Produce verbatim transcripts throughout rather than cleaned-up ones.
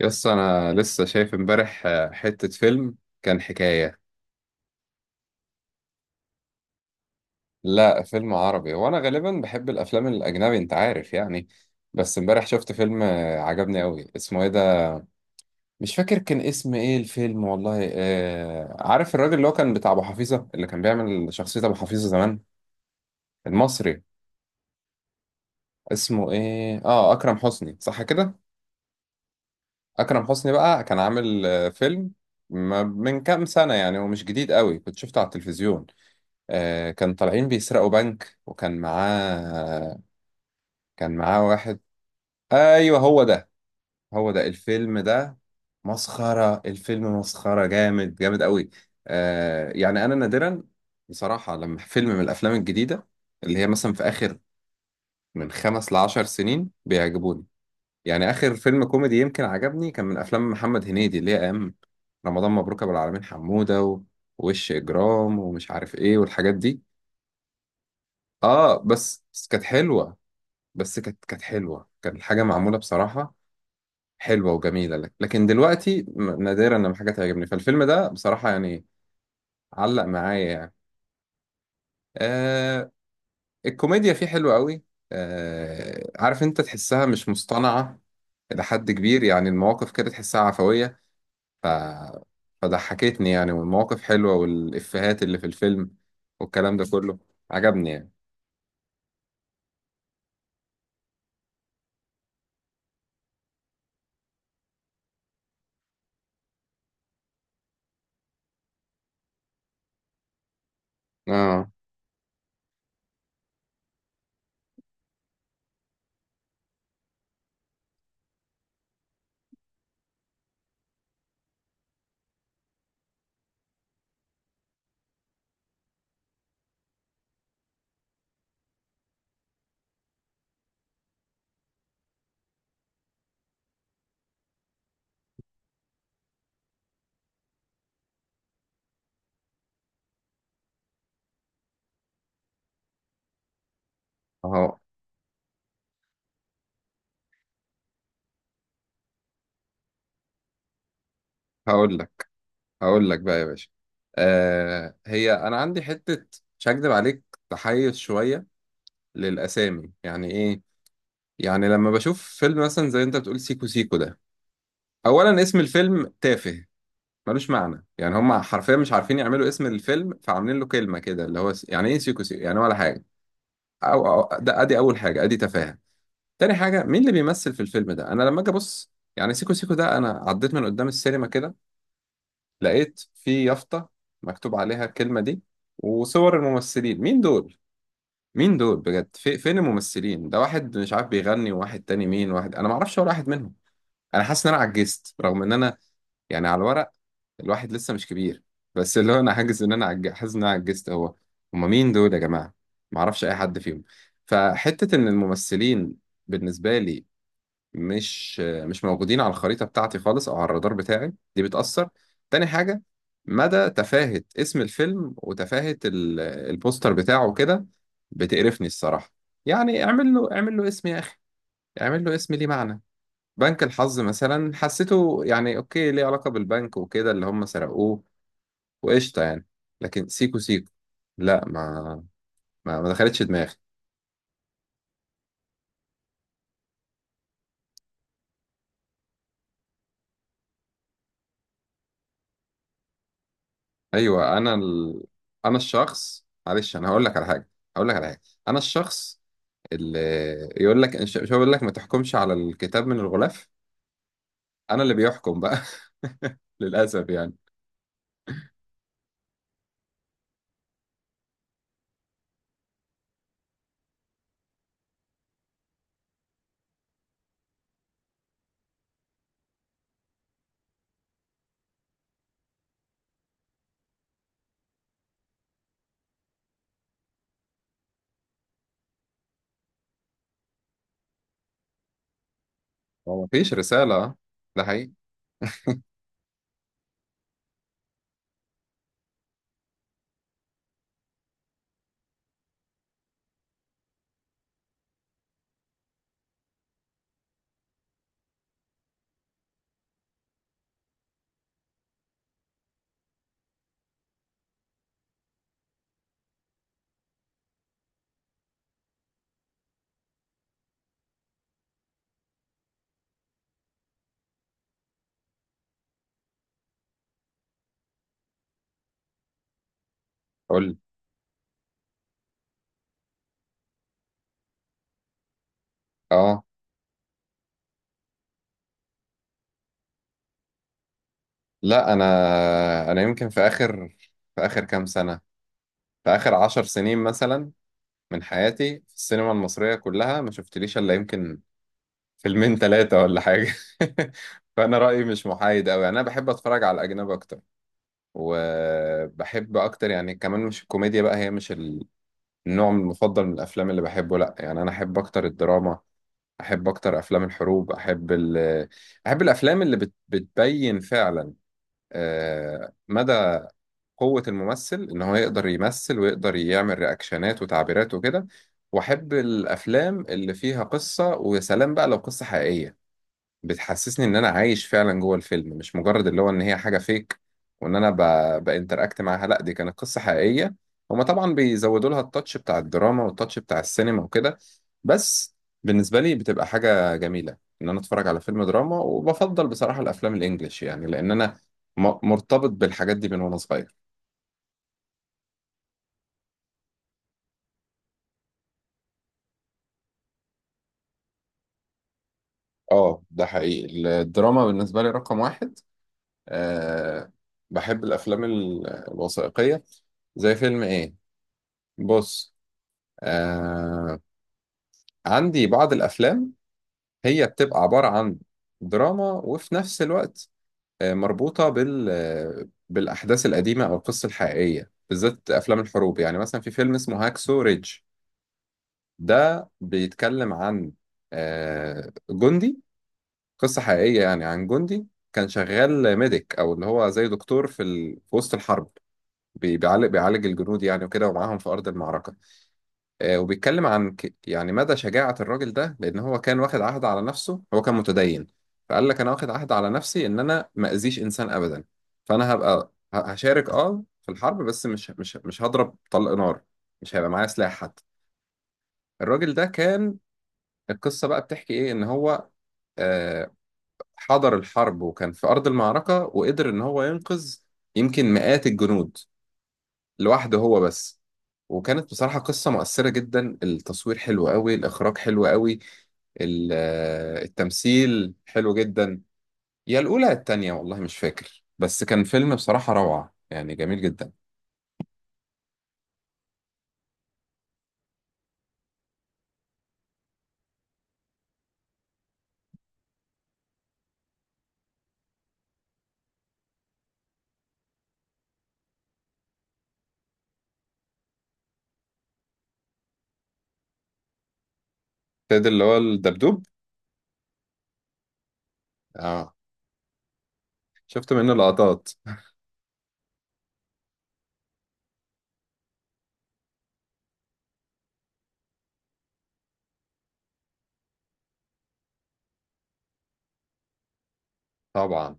يس، انا لسه شايف امبارح آه، حتة فيلم. كان حكاية. لا، فيلم عربي. وانا غالبا بحب الافلام الاجنبي، انت عارف يعني. بس امبارح شفت فيلم آه، عجبني قوي. اسمه ايه ده؟ مش فاكر كان اسم ايه الفيلم والله. آه عارف الراجل اللي هو كان بتاع ابو حفيظة، اللي كان بيعمل شخصية ابو حفيظة زمان، المصري؟ اسمه ايه؟ اه اكرم حسني، صح كده؟ اكرم حسني بقى كان عامل آه، فيلم ما- من كام سنة يعني، ومش جديد قوي. كنت شفته على التلفزيون. آه، كان طالعين بيسرقوا بنك. وكان معاه كان معاه واحد. ايوه، هو ده هو ده الفيلم ده. مسخرة الفيلم، مسخرة جامد جامد قوي. آه يعني انا نادرا، بصراحة، لما فيلم من الافلام الجديدة اللي هي مثلا في اخر من خمس لعشر سنين بيعجبوني. يعني اخر فيلم كوميدي يمكن عجبني كان من افلام محمد هنيدي، اللي هي ايام رمضان مبروك، ابو العالمين، حمودة و- ووش اجرام، ومش عارف ايه والحاجات دي. اه، بس بس كانت حلوة. بس كانت كانت حلوه. كانت الحاجه معموله بصراحه حلوه وجميله، لك لكن دلوقتي م- نادرا لما حاجه تعجبني. فالفيلم ده بصراحه يعني علق معايا يعني. آه الكوميديا فيه حلوه قوي. آه عارف انت تحسها مش مصطنعه الى حد كبير، يعني المواقف كده تحسها عفويه. ف فضحكتني يعني، والمواقف حلوه، والافيهات اللي في الفيلم والكلام ده كله عجبني يعني. اه. اهو. هقول لك هقول لك بقى يا باشا. آه هي انا عندي حته، مش هكدب عليك، تحيز شويه للاسامي، يعني ايه؟ يعني لما بشوف فيلم مثلا زي انت بتقول سيكو سيكو ده، اولا اسم الفيلم تافه ملوش معنى. يعني هم حرفيا مش عارفين يعملوا اسم الفيلم، فعاملين له كلمه كده اللي هو س- يعني ايه سيكو سيكو يعني، ولا حاجه. أو, أو ده ادي اول حاجه، ادي تفاهه. تاني حاجه، مين اللي بيمثل في الفيلم ده؟ انا لما اجي ابص يعني سيكو سيكو ده، انا عديت من قدام السينما كده، لقيت في يافطة مكتوب عليها الكلمة دي وصور الممثلين. مين دول؟ مين دول بجد؟ في فين الممثلين؟ ده واحد مش عارف بيغني، وواحد تاني مين، واحد أنا معرفش ولا واحد منهم. أنا حاسس إن أنا عجزت، رغم إن أنا يعني على الورق الواحد لسه مش كبير، بس اللي هو أنا حاجز إن أنا عج... حاسس إن أنا عجزت. هو هما مين دول يا جماعة؟ معرفش أي حد فيهم. فحتة إن الممثلين بالنسبة لي مش مش موجودين على الخريطة بتاعتي خالص، أو على الرادار بتاعي، دي بتأثر. تاني حاجة، مدى تفاهة اسم الفيلم وتفاهة ال- البوستر بتاعه كده، بتقرفني الصراحة. يعني اعمل له اعمل له اسم يا أخي، اعمل له اسم ليه معنى. بنك الحظ مثلا حسيته يعني أوكي، ليه علاقة بالبنك وكده اللي هم سرقوه، وقشطة يعني. لكن سيكو سيكو، لا ما. ما, ما دخلتش دماغي. أيوة، أنا ال... أنا الشخص معلش، أنا هقول لك على حاجة هقول لك على حاجة. أنا الشخص ال- يقول لك، مش مش هو بيقول لك ما تحكمش على الكتاب من الغلاف. انا اللي بيحكم بقى للاسف يعني. هو مفيش رساله. آه. ده حقيقي. قول لي. اه، لا. انا انا يمكن في اخر في اخر كام سنه في اخر عشر سنين مثلا، من حياتي في السينما المصريه كلها، ما شفتليش الا يمكن فيلمين، ثلاثه، ولا حاجه. فانا رايي مش محايد قوي، يعني انا بحب اتفرج على الاجنبي اكتر. وبحب اكتر يعني كمان، مش الكوميديا بقى هي مش النوع المفضل من الافلام اللي بحبه، لا يعني انا احب اكتر الدراما، احب اكتر افلام الحروب، احب ال... احب الافلام اللي بت... بتبين فعلا آه، مدى قوة الممثل ان هو يقدر يمثل، ويقدر يعمل رياكشنات وتعبيرات وكده. واحب الافلام اللي فيها قصة، ويا سلام بقى لو قصة حقيقية، بتحسسني ان انا عايش فعلا جوه الفيلم، مش مجرد اللي هو ان هي حاجه فيك وان انا ب... بانتراكت معاها. لا، دي كانت قصه حقيقيه. هما طبعا بيزودوا لها التاتش بتاع الدراما والتاتش بتاع السينما وكده، بس بالنسبه لي بتبقى حاجه جميله ان انا اتفرج على فيلم دراما. وبفضل بصراحه الافلام الانجليش، يعني لان انا م... مرتبط بالحاجات دي من وانا صغير. اه، ده حقيقي، الدراما بالنسبه لي رقم واحد. أه بحب الافلام ال- الوثائقيه. زي فيلم ايه؟ بص، آه عندي بعض الأفلام، هي بتبقى عبارة عن دراما وفي نفس الوقت آه مربوطة بال آه، بالأحداث القديمة أو القصة الحقيقية، بالذات أفلام الحروب. يعني مثلا في فيلم اسمه هاكسو ريدج. ده بيتكلم عن آه جندي. قصة حقيقية يعني، عن جندي كان شغال ميديك أو اللي هو زي دكتور في, ال... في وسط الحرب، بي- بيعالج بيعالج الجنود يعني وكده، ومعاهم في أرض المعركة. آه، وبيتكلم عن ك... يعني مدى شجاعة الراجل ده، لأن هو كان واخد عهد على نفسه، هو كان متدين، فقال لك أنا واخد عهد على نفسي إن أنا ما أذيش إنسان أبدا. فأنا هبقى ه- هشارك أه في الحرب، بس مش مش مش هضرب طلق نار، مش هيبقى معايا سلاح حتى. الراجل ده كان القصة بقى بتحكي إيه؟ إن هو آه، حضر الحرب وكان في أرض المعركة، وقدر إن هو ينقذ يمكن مئات الجنود لوحده هو بس. وكانت بصراحة قصة مؤثرة جدا، التصوير حلو قوي، الإخراج حلو قوي، ال- آه، التمثيل حلو جدا. يا الأولى يا التانية، والله مش فاكر، بس كان فيلم بصراحة روعة يعني جميل جدا. فايد اللي هو الدبدوب، اه. شفت منه لقطات. طبعا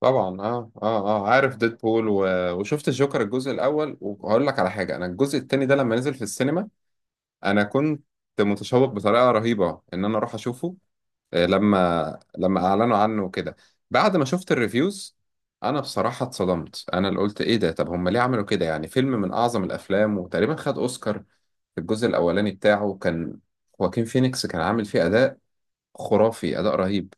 طبعا، اه اه اه، عارف ديدبول و... وشفت الجوكر الجزء الأول. وهقول لك على حاجة، أنا الجزء التاني ده لما نزل في السينما، أنا كنت متشوق بطريقة رهيبة إن أنا أروح أشوفه آه، لما لما اعلنوا عنه وكده. بعد ما شفت الريفيوز، انا بصراحة اتصدمت، انا اللي قلت ايه ده؟ طب هم ليه عملوا كده؟ يعني فيلم من اعظم الافلام، وتقريبا خد اوسكار في الجزء الاولاني بتاعه، كان خواكين فينيكس كان عامل فيه اداء خرافي، اداء رهيب،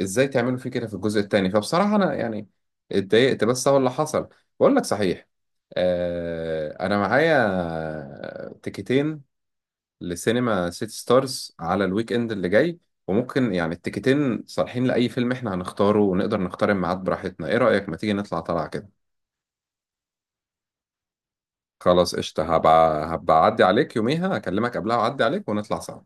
ازاي تعملوا فيه كده في الجزء الثاني؟ فبصراحة انا يعني اتضايقت، بس هو اللي حصل. بقول لك صحيح، آه، انا معايا تيكتين لسينما سيتي ستارز على الويك اند اللي جاي، وممكن يعني التيكتين صالحين لأي فيلم احنا هنختاره، ونقدر نختار الميعاد براحتنا. ايه رأيك ما تيجي نطلع طلعة كده؟ خلاص قشطة، هبقى هبقى أعدي عليك يوميها، أكلمك قبلها وأعدي عليك ونطلع سوا.